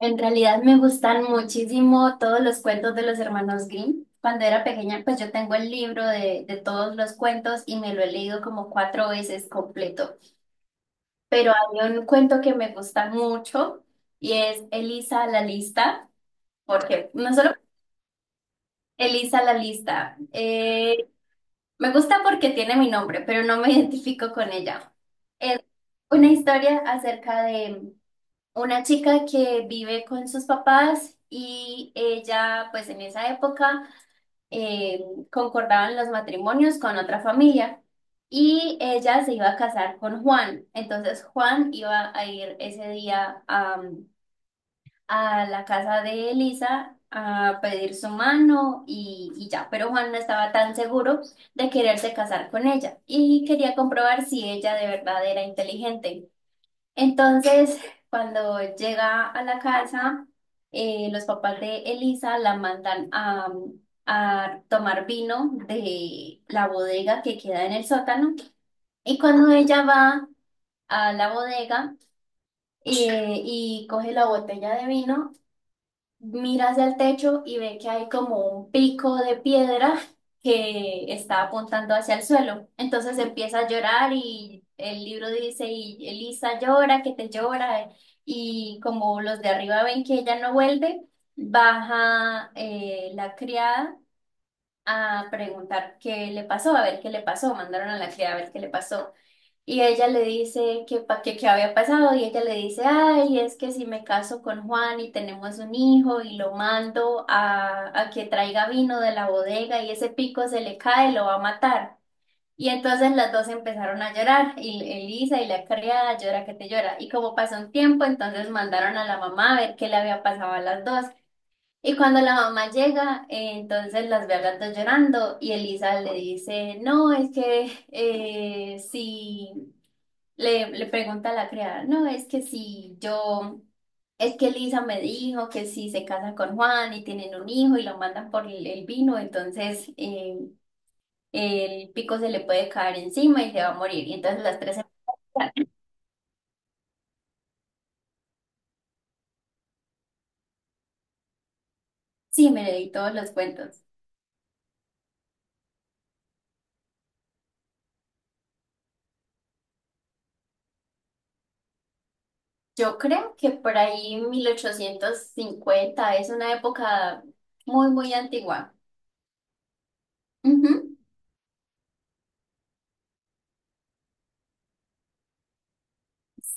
En realidad me gustan muchísimo todos los cuentos de los hermanos Grimm. Cuando era pequeña, pues yo tengo el libro de todos los cuentos y me lo he leído como cuatro veces completo. Pero hay un cuento que me gusta mucho y es Elisa la lista, porque no solo Elisa la lista, me gusta porque tiene mi nombre, pero no me identifico con ella. Una historia acerca de una chica que vive con sus papás y ella, pues en esa época eh, concordaban los matrimonios con otra familia y ella se iba a casar con Juan. Entonces Juan iba a ir ese día a la casa de Elisa a pedir su mano y ya, pero Juan no estaba tan seguro de quererse casar con ella y quería comprobar si ella de verdad era inteligente. Entonces, cuando llega a la casa, los papás de Elisa la mandan a tomar vino de la bodega que queda en el sótano. Y cuando ella va a la bodega y coge la botella de vino, mira hacia el techo y ve que hay como un pico de piedra que está apuntando hacia el suelo. Entonces empieza a llorar y el libro dice, y Elisa llora, que te llora, y como los de arriba ven que ella no vuelve, baja la criada a preguntar qué le pasó, a ver qué le pasó, mandaron a la criada a ver qué le pasó. Y ella le dice que, que qué había pasado y ella le dice, ay, es que si me caso con Juan y tenemos un hijo y lo mando a que traiga vino de la bodega y ese pico se le cae, lo va a matar. Y entonces las dos empezaron a llorar y Elisa y la criada llora que te llora. Y como pasó un tiempo, entonces mandaron a la mamá a ver qué le había pasado a las dos. Y cuando la mamá llega, entonces las ve a las dos llorando y Elisa le dice, no, es que si... Le pregunta a la criada, no, es que si yo, es que Lisa me dijo que si se casa con Juan y tienen un hijo y lo mandan por el vino, entonces el pico se le puede caer encima y se va a morir. Y entonces las tres se matan. Sí, me leí todos los cuentos. Yo creo que por ahí 1850 es una época muy, muy antigua. Ujú.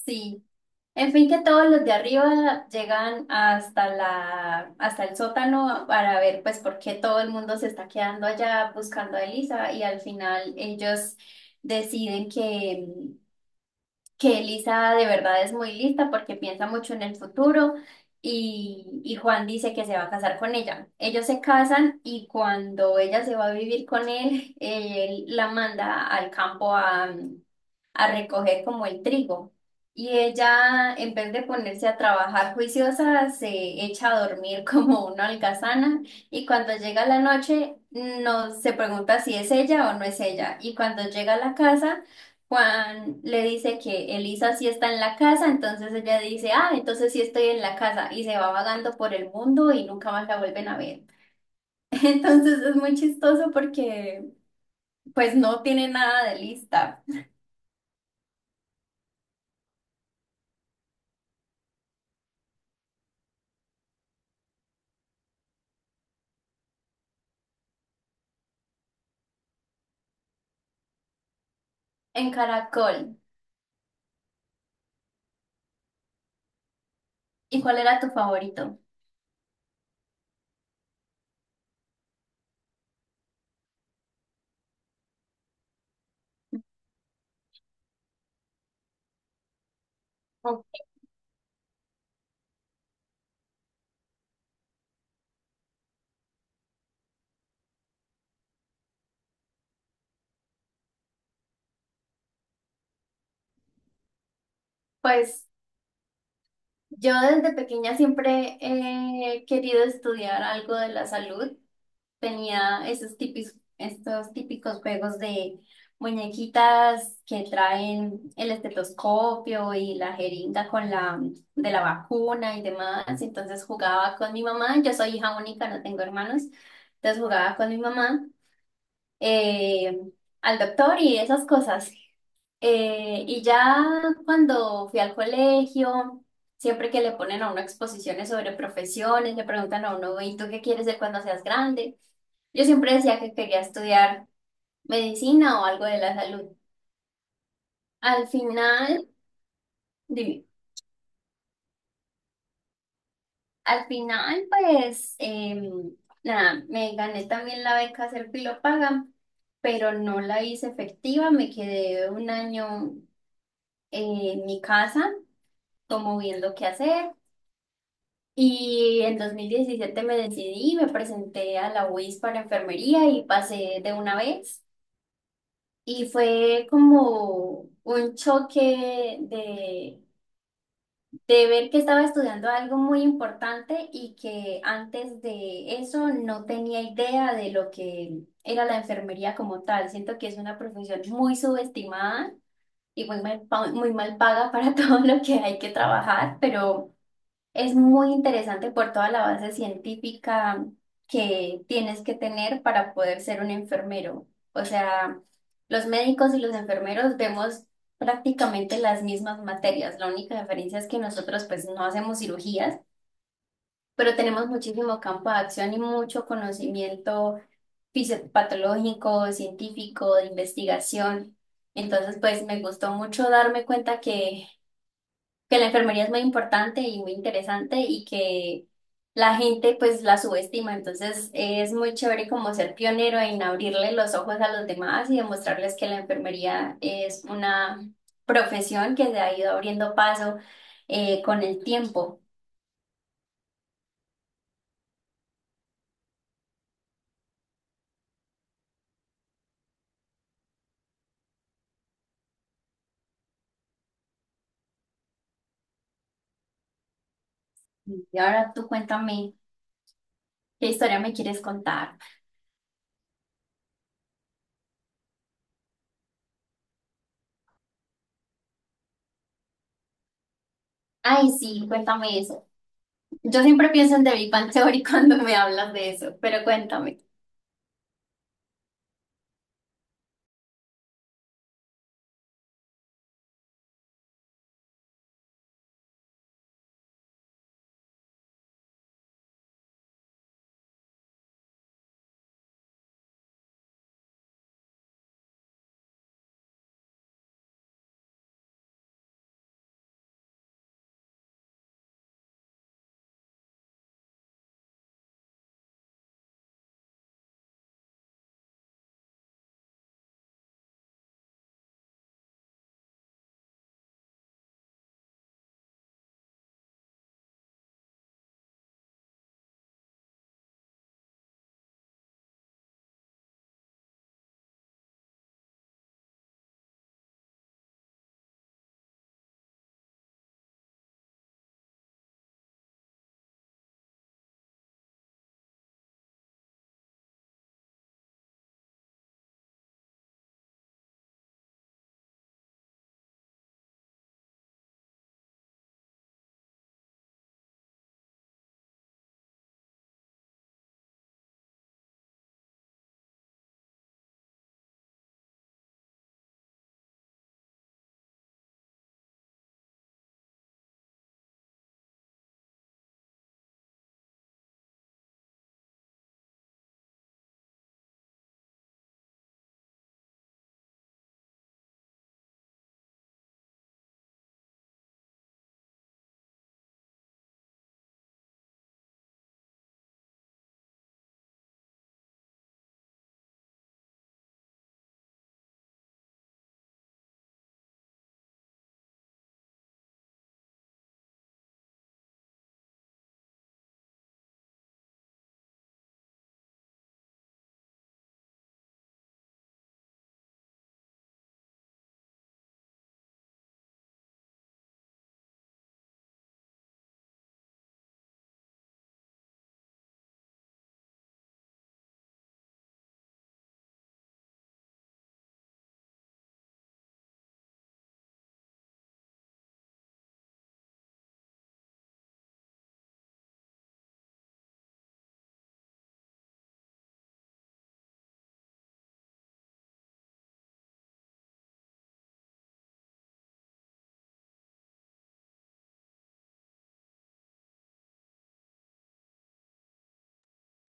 Sí, en fin, que todos los de arriba llegan hasta hasta el sótano para ver pues por qué todo el mundo se está quedando allá buscando a Elisa y al final ellos deciden que Elisa de verdad es muy lista porque piensa mucho en el futuro y Juan dice que se va a casar con ella. Ellos se casan y cuando ella se va a vivir con él, él la manda al campo a recoger como el trigo. Y ella, en vez de ponerse a trabajar juiciosa, se echa a dormir como una holgazana y cuando llega la noche no se pregunta si es ella o no es ella. Y cuando llega a la casa, Juan le dice que Elisa sí está en la casa, entonces ella dice, ah, entonces sí estoy en la casa y se va vagando por el mundo y nunca más la vuelven a ver. Entonces es muy chistoso porque pues no tiene nada de lista. En Caracol. ¿Y cuál era tu favorito? Oh. Pues yo desde pequeña siempre he querido estudiar algo de la salud. Tenía estos típicos juegos de muñequitas que traen el estetoscopio y la jeringa con la de la vacuna y demás. Entonces jugaba con mi mamá. Yo soy hija única, no tengo hermanos. Entonces jugaba con mi mamá eh, al doctor y esas cosas. Y ya cuando fui al colegio, siempre que le ponen a uno exposiciones sobre profesiones, le preguntan a uno, ¿y tú qué quieres ser cuando seas grande? Yo siempre decía que quería estudiar medicina o algo de la salud. Al final, dime, al final, pues, nada, me gané también la beca Serpilo Paga, pero no la hice efectiva, me quedé un año en mi casa, como viendo qué hacer. Y en 2017 me decidí, me presenté a la UIS para enfermería y pasé de una vez. Y fue como un choque de ver que estaba estudiando algo muy importante y que antes de eso no tenía idea de lo que era la enfermería como tal. Siento que es una profesión muy subestimada y muy mal, muy mal paga para todo lo que hay que trabajar, pero... Es muy interesante por toda la base científica que tienes que tener para poder ser un enfermero. O sea, los médicos y los enfermeros vemos prácticamente las mismas materias. La única diferencia es que nosotros pues no hacemos cirugías, pero tenemos muchísimo campo de acción y mucho conocimiento fisiopatológico, científico, de investigación. Entonces, pues me gustó mucho darme cuenta que la enfermería es muy importante y muy interesante y que la gente pues la subestima. Entonces es muy chévere como ser pionero en abrirle los ojos a los demás y demostrarles que la enfermería es una profesión que se ha ido abriendo paso con el tiempo. Y ahora tú cuéntame, ¿qué historia me quieres contar? Ay, sí, cuéntame eso. Yo siempre pienso en The Big Bang Theory cuando me hablas de eso, pero cuéntame.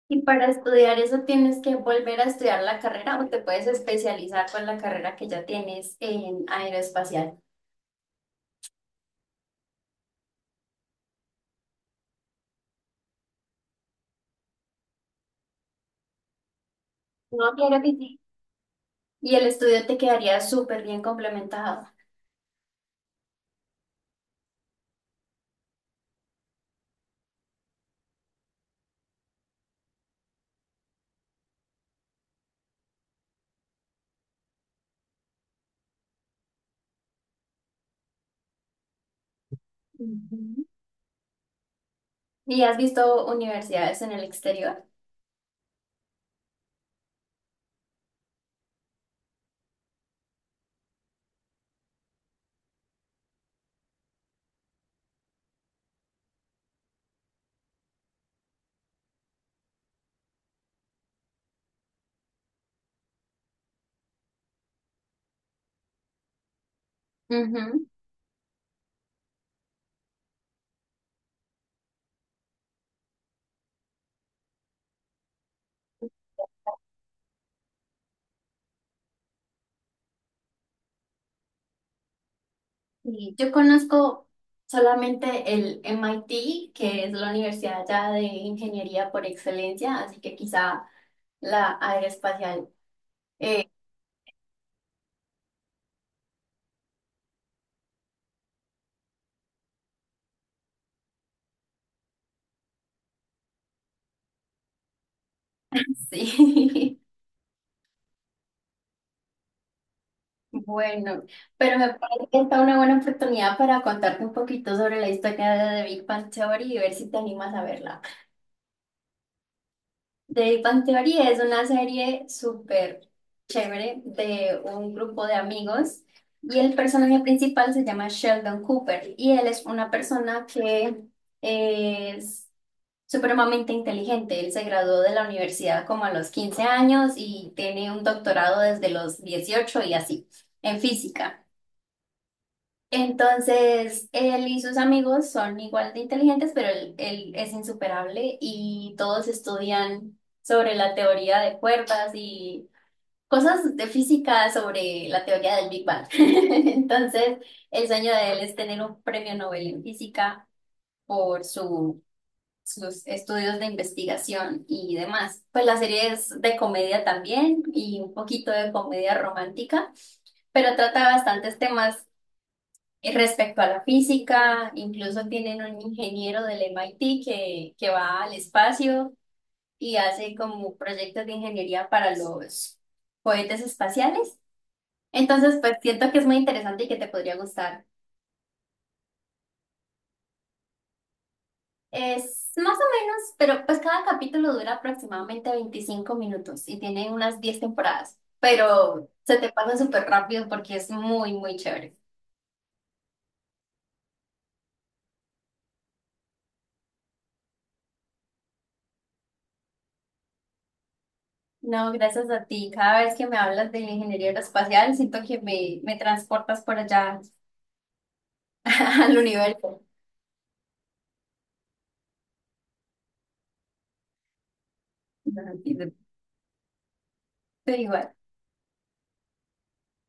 Y para estudiar eso tienes que volver a estudiar la carrera o te puedes especializar con la carrera que ya tienes en aeroespacial. No, claro que sí. Y el estudio te quedaría súper bien complementado. Ujú. ¿Y has visto universidades en el exterior? Ujú. Y yo conozco solamente el MIT, que es la universidad ya de ingeniería por excelencia, así que quizá la aeroespacial. Eh, sí. Bueno, pero me parece que esta es una buena oportunidad para contarte un poquito sobre la historia de The Big Bang Theory y ver si te animas a verla. The Big Bang Theory es una serie súper chévere de un grupo de amigos y el personaje principal se llama Sheldon Cooper y él es una persona que es supremamente inteligente. Él se graduó de la universidad como a los 15 años y tiene un doctorado desde los 18 y así, en física. Entonces, él y sus amigos son igual de inteligentes, pero él es insuperable y todos estudian sobre la teoría de cuerdas y cosas de física sobre la teoría del Big Bang. Entonces, el sueño de él es tener un premio Nobel en física por su, sus estudios de investigación y demás. Pues la serie es de comedia también y un poquito de comedia romántica pero trata bastantes temas respecto a la física, incluso tienen un ingeniero del MIT que va al espacio y hace como proyectos de ingeniería para los cohetes espaciales. Entonces, pues siento que es muy interesante y que te podría gustar. Es más o menos, pero pues cada capítulo dura aproximadamente 25 minutos y tiene unas 10 temporadas, pero se te pasa súper rápido porque es muy, muy chévere. No, gracias a ti. Cada vez que me hablas de ingeniería aeroespacial, siento que me transportas por allá al universo. No, te digo